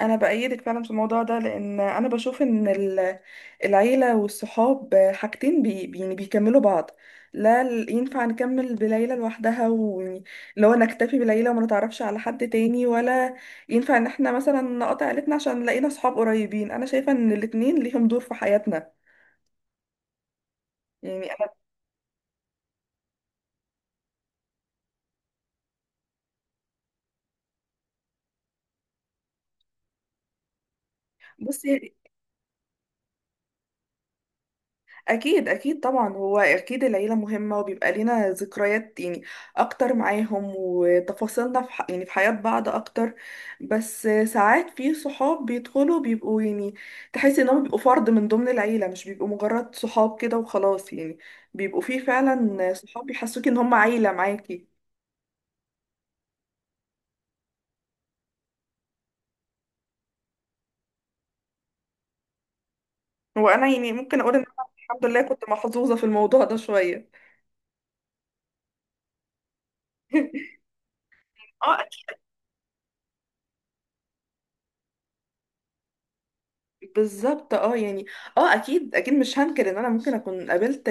انا بأيدك فعلا في الموضوع ده لان انا بشوف ان العيله والصحاب حاجتين يعني بيكملوا بعض. لا، ينفع نكمل بليلى لوحدها، ويعني اللي هو نكتفي بليلى وما نتعرفش على حد تاني، ولا ينفع ان احنا مثلا نقطع عيلتنا عشان لقينا صحاب قريبين. انا شايفه ان الاتنين ليهم دور في حياتنا يعني انا. بصي، اكيد اكيد طبعا، هو اكيد العيله مهمه، وبيبقى لينا ذكريات يعني اكتر معاهم، وتفاصيلنا في يعني في حياه بعض اكتر. بس ساعات في صحاب بيدخلوا بيبقوا يعني، تحس انهم بيبقوا فرد من ضمن العيله، مش بيبقوا مجرد صحاب كده وخلاص يعني، بيبقوا في فعلا صحاب بيحسوك ان هم عيله معاكي. وانا يعني ممكن اقول ان أنا الحمد لله كنت محظوظه في الموضوع ده شويه. اه. بالظبط. اه يعني اه اكيد اكيد مش هنكر ان انا ممكن اكون قابلت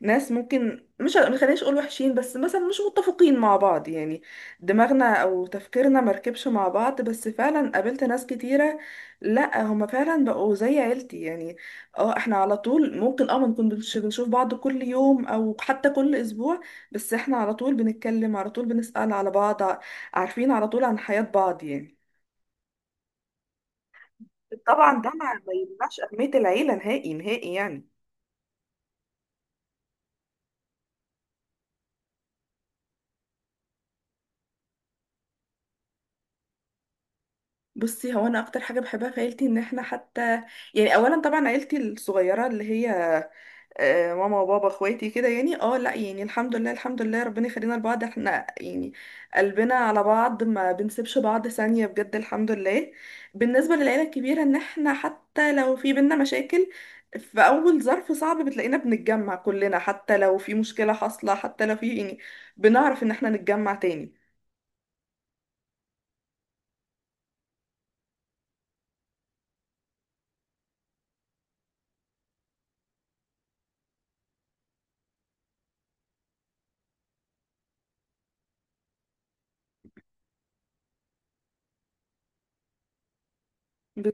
ناس، ممكن مش ما خلينيش اقول وحشين، بس مثلا مش متفقين مع بعض يعني دماغنا او تفكيرنا مركبش مع بعض. بس فعلا قابلت ناس كتيرة، لا، هما فعلا بقوا زي عيلتي يعني. اه احنا على طول ممكن ما نكونش بنشوف بعض كل يوم او حتى كل اسبوع، بس احنا على طول بنتكلم، على طول بنسأل على بعض، عارفين على طول عن حياة بعض يعني. طبعا ده ما يمنعش أهمية العيلة نهائي نهائي يعني. بصي، هو انا اكتر حاجه بحبها في عيلتي ان احنا حتى يعني، اولا طبعا عيلتي الصغيره اللي هي ماما وبابا اخواتي كده يعني. اه لا، يعني الحمد لله، الحمد لله ربنا يخلينا لبعض، احنا يعني قلبنا على بعض، ما بنسيبش بعض ثانيه بجد، الحمد لله. بالنسبه للعيله الكبيره، ان احنا حتى لو في بينا مشاكل، في اول ظرف صعب بتلاقينا بنتجمع كلنا، حتى لو في مشكله حاصله، حتى لو في يعني، بنعرف ان احنا نتجمع تاني. ب-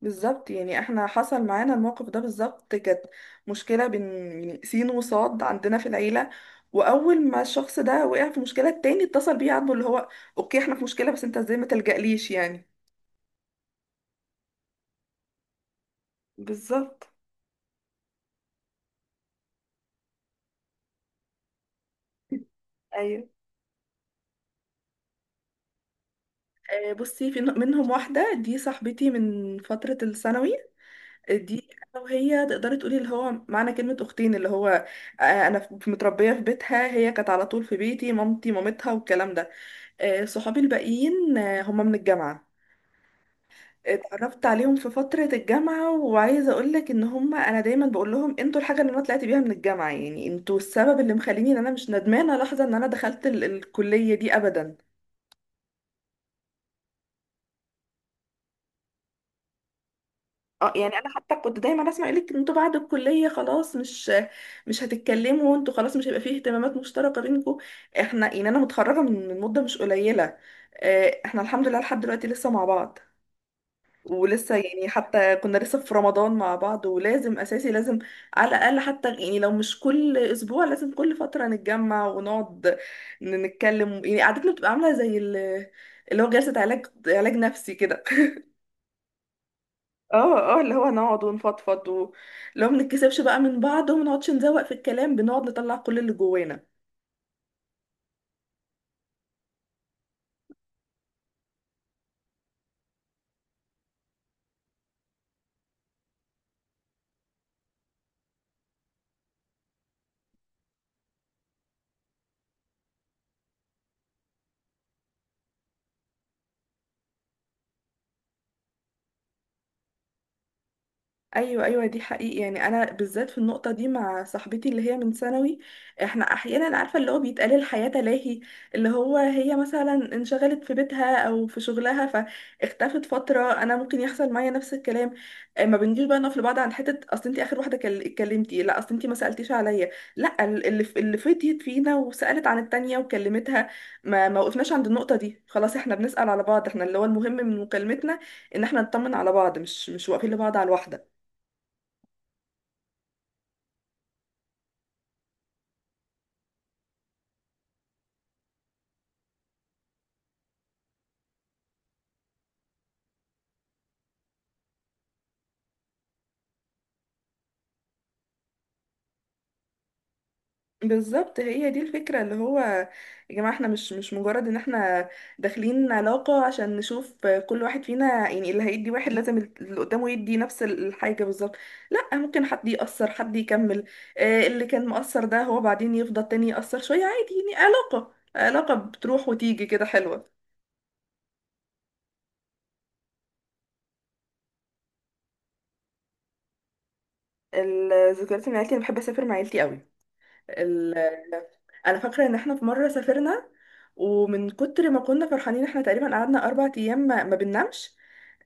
بالظبط يعني، احنا حصل معانا الموقف ده بالظبط، كانت مشكلة بين يعني سين وصاد عندنا في العيلة. وأول ما الشخص ده وقع في مشكلة، التاني اتصل بيه عاتبه اللي هو، أوكي احنا في مشكلة، بس أنت ازاي ما تلجأليش يعني. بالظبط. ايوه. آه، بصي في منهم واحدة، دي صاحبتي من فترة الثانوي. آه، دي أنا وهي تقدري تقولي اللي هو معنى كلمة أختين، اللي هو أنا متربية في بيتها، هي كانت على طول في بيتي، مامتي مامتها والكلام ده. آه، صحابي الباقيين هم من الجامعة. اتعرفت عليهم في فترة الجامعة، وعايزة اقولك ان هم، انا دايما بقول لهم انتوا الحاجة اللي انا طلعت بيها من الجامعة يعني، انتوا السبب اللي مخليني ان انا مش ندمانة لحظة ان انا دخلت الكلية دي ابدا. اه يعني انا حتى كنت دايما اسمع يقولك انتوا بعد الكلية خلاص، مش هتتكلموا انتوا، خلاص مش هيبقى فيه اهتمامات مشتركة بينكم. احنا يعني انا متخرجة من مدة مش قليلة، آه، احنا الحمد لله لحد دلوقتي لسه مع بعض. ولسه يعني حتى كنا لسه في رمضان مع بعض، ولازم اساسي، لازم على الاقل، حتى يعني لو مش كل اسبوع، لازم كل فتره نتجمع ونقعد، نتكلم يعني. قعدتنا بتبقى عامله زي اللي هو جلسه علاج نفسي كده. اه اه، اللي هو نقعد ونفضفض، اللي هو ما بنتكسفش بقى من بعض، وما نقعدش نزوق في الكلام، بنقعد نطلع كل اللي جوانا. ايوه ايوه، دي حقيقي يعني، انا بالذات في النقطه دي مع صاحبتي اللي هي من ثانوي. احنا احيانا عارفه اللي هو بيتقال الحياه تلاهي، اللي هو هي مثلا انشغلت في بيتها او في شغلها، فاختفت فتره، انا ممكن يحصل معايا نفس الكلام. آه، ما بنجيش بقى نقف لبعض عن حته، اصل انت اخر واحده اتكلمتي، لا اصل انت ما سالتيش عليا. لا، اللي اللي فتيت فينا وسالت عن التانيه وكلمتها. ما وقفناش عند النقطه دي، خلاص احنا بنسال على بعض، احنا اللي هو المهم من مكالمتنا ان احنا نطمن على بعض، مش واقفين لبعض على الواحده. بالظبط، هي دي الفكرة اللي هو، يا جماعة احنا مش مجرد ان احنا داخلين علاقة عشان نشوف كل واحد فينا يعني اللي هيدي واحد لازم اللي قدامه يدي نفس الحاجة بالظبط. لا، ممكن حد يأثر، حد يكمل، آه، اللي كان مؤثر ده هو بعدين يفضل تاني يأثر شوية عادي يعني. علاقة بتروح وتيجي كده حلوة. الذكريات من عيلتي، انا بحب اسافر مع عيلتي قوي. ال... انا فاكرة ان احنا في مرة سافرنا، ومن كتر ما كنا فرحانين احنا تقريبا قعدنا 4 ايام ما بننامش.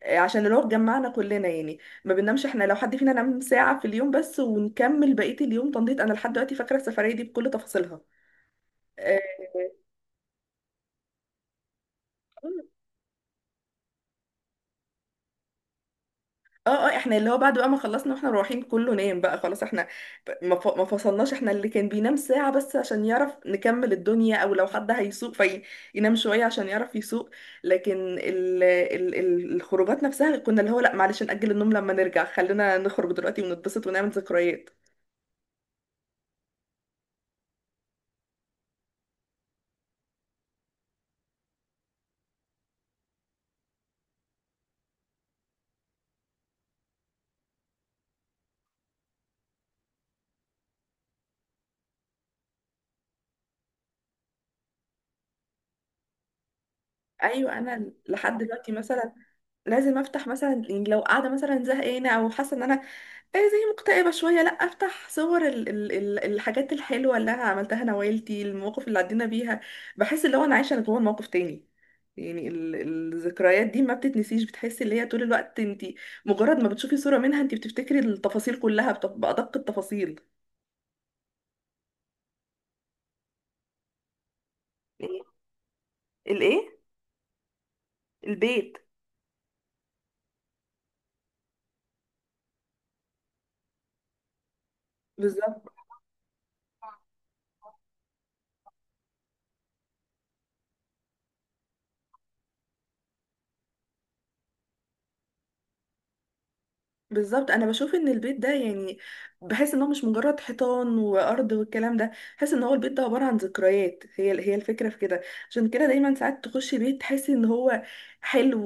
عشان الوقت جمعنا كلنا يعني، ما بننامش، احنا لو حد فينا نام ساعة في اليوم بس، ونكمل بقية اليوم تنضيط. انا لحد دلوقتي فاكرة السفرية دي بكل تفاصيلها. اه. اه. آه، احنا اللي هو بعد بقى ما خلصنا واحنا رايحين كله نام بقى خلاص. احنا ما فصلناش، احنا اللي كان بينام ساعة بس عشان يعرف نكمل الدنيا، او لو حد هيسوق فينام شوية عشان يعرف يسوق. لكن ال ال ال الخروجات نفسها كنا اللي هو، لا معلش نأجل النوم لما نرجع، خلينا نخرج دلوقتي ونتبسط ونعمل ذكريات. ايوه، انا لحد دلوقتي مثلا لازم افتح مثلا يعني لو قاعده مثلا زهقانه او حاسه ان انا إيه، زي مكتئبه شويه، لا افتح صور ال ال ال الحاجات الحلوه اللي انا عملتها انا وعيلتي، المواقف اللي عدينا بيها. بحس اللي هو انا عايشه جوه الموقف تاني يعني. الذكريات دي ما بتتنسيش، بتحسي اللي هي طول الوقت انت مجرد ما بتشوفي صوره منها انت بتفتكري التفاصيل كلها، بادق التفاصيل. إيه؟ الايه. البيت. بالظبط. بالظبط، انا بشوف ان البيت ده يعني، بحس ان هو مش مجرد حيطان وارض والكلام ده. بحس ان هو البيت ده عباره عن ذكريات، هي هي الفكره في كده. عشان كده دايما ساعات تخش بيت تحس ان هو حلو.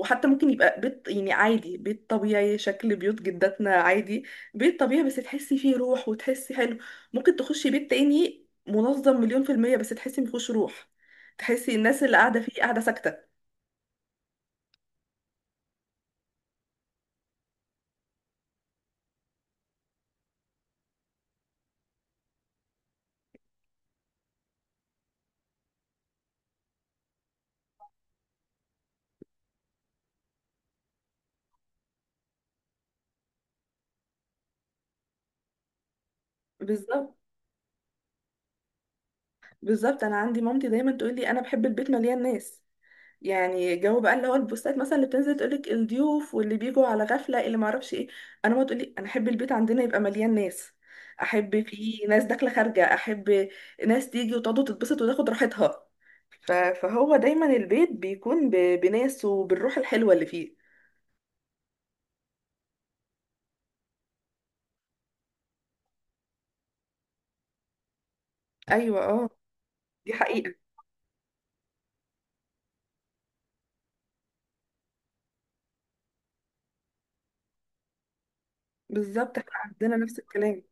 وحتى ممكن يبقى بيت يعني عادي، بيت طبيعي، شكل بيوت جداتنا عادي، بيت طبيعي، بس تحسي فيه روح وتحسي حلو. ممكن تخشي بيت تاني منظم مليون في المية، بس تحسي مفيهوش روح، تحسي الناس اللي قاعده فيه قاعده ساكته. بالظبط. بالظبط، انا عندي مامتي دايما تقول لي، انا بحب البيت مليان ناس، يعني جو بقى اللي هو البوستات مثلا اللي بتنزل تقولك الضيوف واللي بيجوا على غفلة اللي معرفش ايه، انا ما تقولي انا احب البيت عندنا يبقى مليان ناس. احب فيه ناس داخلة خارجة، احب ناس تيجي وتقعد وتتبسط وتاخد راحتها. فهو دايما البيت بيكون بناس وبالروح الحلوة اللي فيه. ايوه اه. دي حقيقة. بالظبط احنا عندنا نفس الكلام.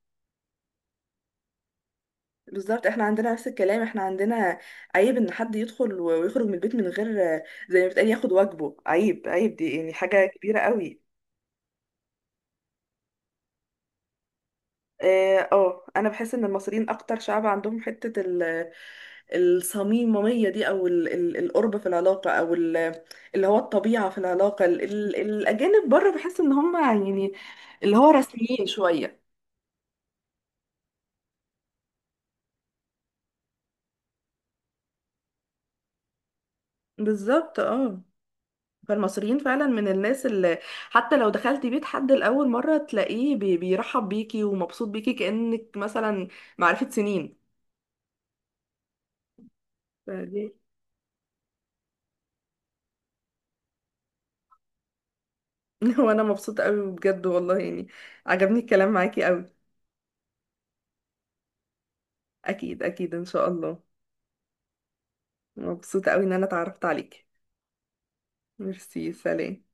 بالظبط احنا عندنا نفس الكلام، احنا عندنا عيب ان حد يدخل ويخرج من البيت من غير، زي ما بتقال ياخد واجبه، عيب. عيب، دي يعني حاجة كبيرة قوي. اه. آه، انا بحس ان المصريين اكتر شعب عندهم حته الصميميه دي، او القرب في العلاقه، او اللي هو الطبيعه في العلاقه. الاجانب بره بحس ان هم يعني اللي هو رسميين شويه. بالظبط اه. فالمصريين فعلا من الناس اللي حتى لو دخلتي بيت حد لاول مره، تلاقيه بيرحب بيكي ومبسوط بيكي كانك مثلا معرفه سنين. فدي. وانا مبسوطه قوي بجد والله، يعني عجبني الكلام معاكي قوي. اكيد اكيد ان شاء الله. مبسوطة قوي ان انا اتعرفت عليكي. ميرسي. سلام.